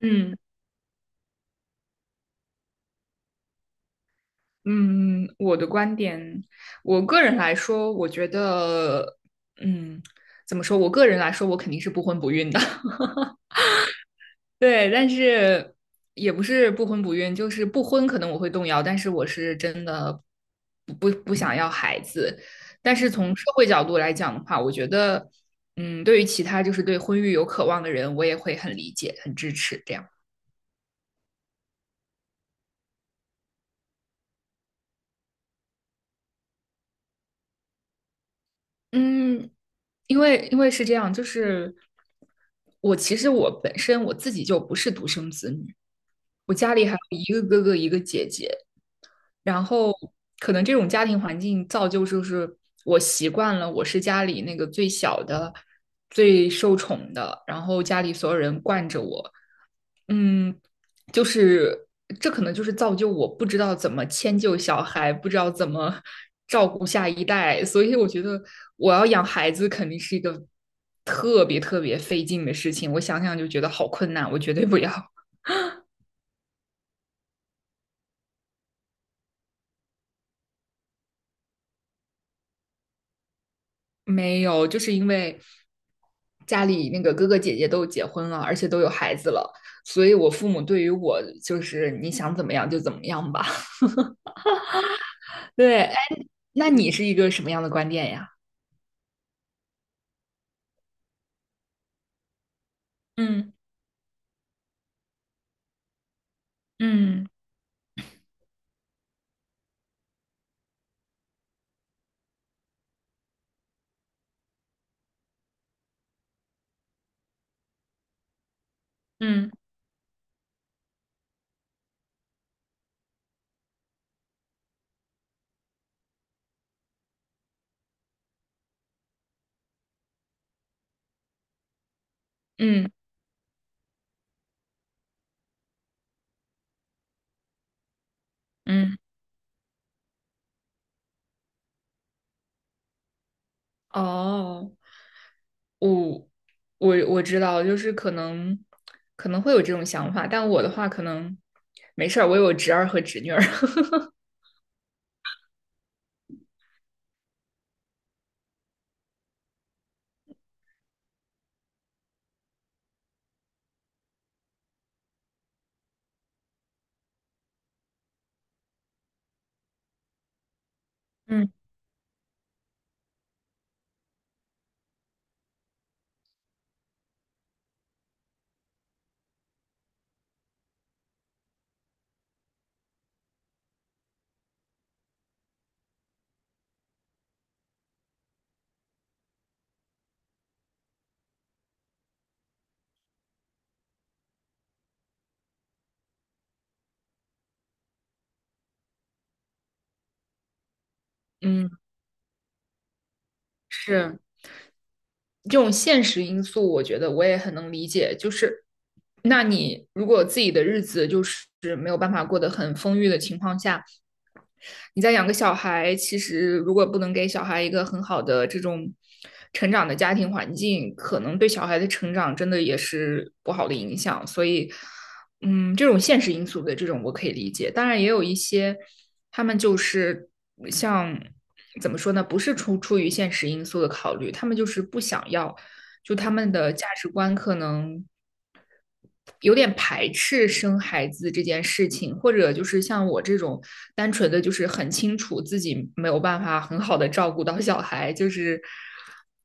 嗯嗯，我的观点，我个人来说，我觉得，嗯，怎么说？我个人来说，我肯定是不婚不孕的。对，但是也不是不婚不孕，就是不婚可能我会动摇，但是我是真的不想要孩子。但是从社会角度来讲的话，我觉得，对于其他就是对婚育有渴望的人，我也会很理解、很支持这样。嗯，因为是这样，就是我其实我本身我自己就不是独生子女，我家里还有一个哥哥一个姐姐，然后可能这种家庭环境造就就是我习惯了我是家里那个最小的、最受宠的，然后家里所有人惯着我，嗯，就是这可能就是造就我不知道怎么迁就小孩，不知道怎么照顾下一代，所以我觉得我要养孩子肯定是一个特别特别费劲的事情。我想想就觉得好困难，我绝对不要。没有，就是因为家里那个哥哥姐姐都结婚了，而且都有孩子了，所以我父母对于我就是你想怎么样就怎么样吧。对，哎，那你是一个什么样的观点呀？嗯嗯嗯嗯，嗯，哦，我我知道，就是可能会有这种想法，但我的话可能没事儿，我有侄儿和侄女儿。嗯嗯，是这种现实因素，我觉得我也很能理解。就是，那你如果自己的日子就是没有办法过得很丰裕的情况下，你再养个小孩，其实如果不能给小孩一个很好的这种成长的家庭环境，可能对小孩的成长真的也是不好的影响。所以，这种现实因素的这种我可以理解。当然，也有一些他们就是像怎么说呢，不是出于现实因素的考虑，他们就是不想要，就他们的价值观可能有点排斥生孩子这件事情，或者就是像我这种单纯的，就是很清楚自己没有办法很好的照顾到小孩，就是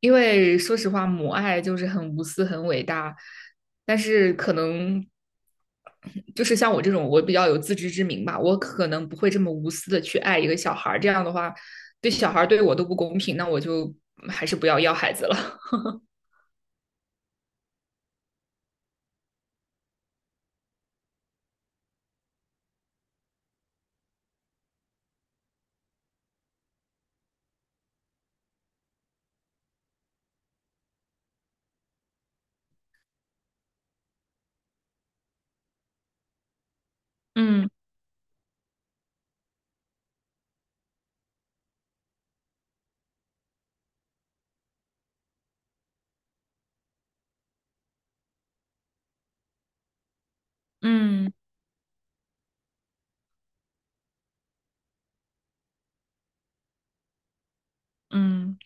因为说实话，母爱就是很无私、很伟大，但是可能就是像我这种，我比较有自知之明吧，我可能不会这么无私的去爱一个小孩这样的话对小孩对我都不公平，那我就还是不要要孩子了。嗯嗯。嗯，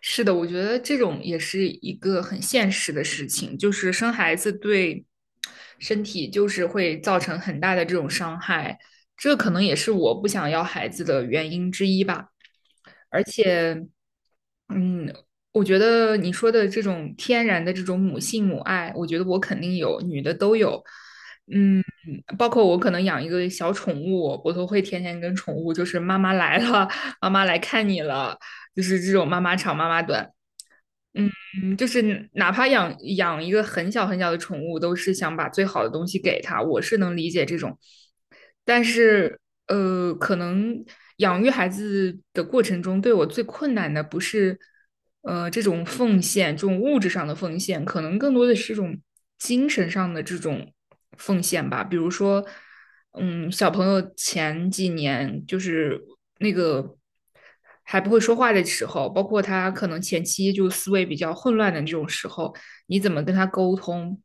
是的，我觉得这种也是一个很现实的事情，就是生孩子对身体就是会造成很大的这种伤害，这可能也是我不想要孩子的原因之一吧。而且，嗯，我觉得你说的这种天然的这种母性母爱，我觉得我肯定有，女的都有。嗯，包括我可能养一个小宠物，我都会天天跟宠物，就是妈妈来了，妈妈来看你了，就是这种妈妈长妈妈短。就是哪怕养一个很小很小的宠物，都是想把最好的东西给它，我是能理解这种。但是可能养育孩子的过程中，对我最困难的不是这种奉献，这种物质上的奉献，可能更多的是这种精神上的这种奉献吧。比如说，小朋友前几年就是那个。还不会说话的时候，包括他可能前期就思维比较混乱的这种时候，你怎么跟他沟通？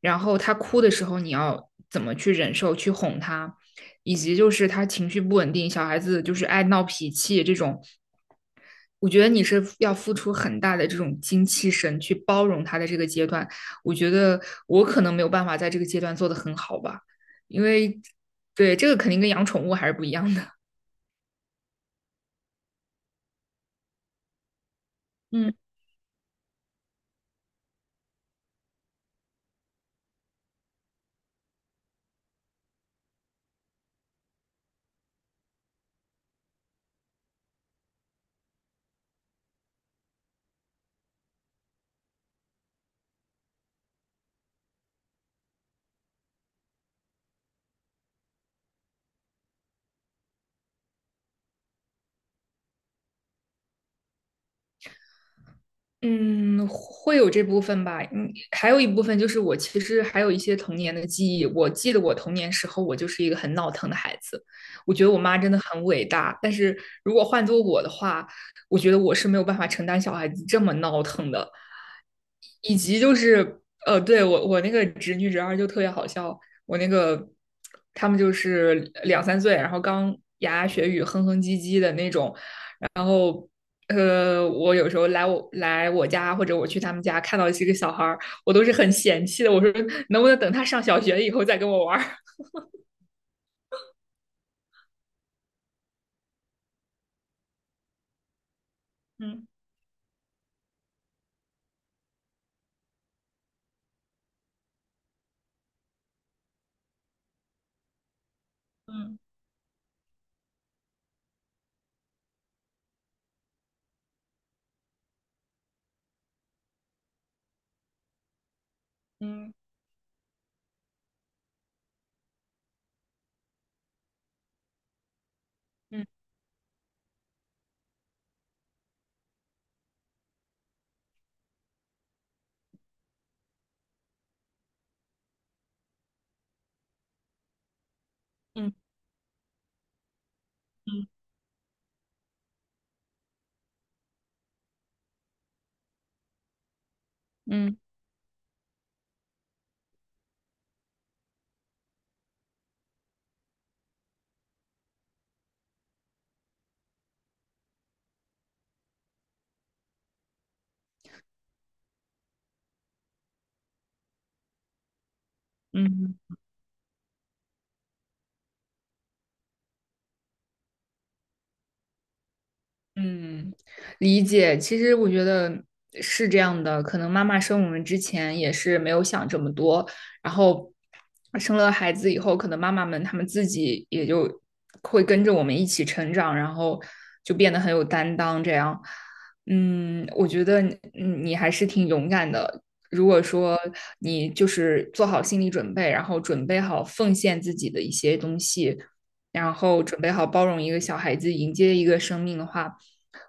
然后他哭的时候你要怎么去忍受、去哄他，以及就是他情绪不稳定，小孩子就是爱闹脾气这种，我觉得你是要付出很大的这种精气神去包容他的这个阶段。我觉得我可能没有办法在这个阶段做得很好吧，因为对这个肯定跟养宠物还是不一样的。嗯，嗯，会有这部分吧。嗯，还有一部分就是我其实还有一些童年的记忆。我记得我童年时候，我就是一个很闹腾的孩子。我觉得我妈真的很伟大，但是如果换做我的话，我觉得我是没有办法承担小孩子这么闹腾的。以及就是，对，我那个侄女侄儿就特别好笑。我那个他们就是两三岁，然后刚牙牙学语、哼哼唧唧的那种，然后，我有时候来我家或者我去他们家，看到这个小孩儿，我都是很嫌弃的。我说，能不能等他上小学以后再跟我玩儿？嗯嗯嗯嗯嗯嗯嗯嗯。嗯嗯，理解。其实我觉得是这样的，可能妈妈生我们之前也是没有想这么多，然后生了孩子以后，可能妈妈们她们自己也就会跟着我们一起成长，然后就变得很有担当。这样，我觉得你还是挺勇敢的。如果说你就是做好心理准备，然后准备好奉献自己的一些东西，然后准备好包容一个小孩子，迎接一个生命的话，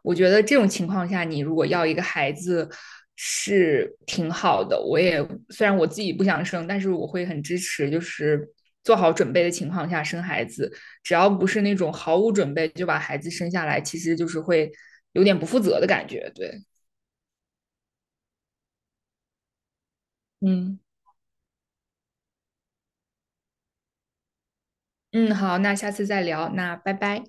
我觉得这种情况下，你如果要一个孩子是挺好的。我也虽然我自己不想生，但是我会很支持，就是做好准备的情况下生孩子，只要不是那种毫无准备就把孩子生下来，其实就是会有点不负责的感觉。对，嗯嗯，好，那下次再聊，那拜拜。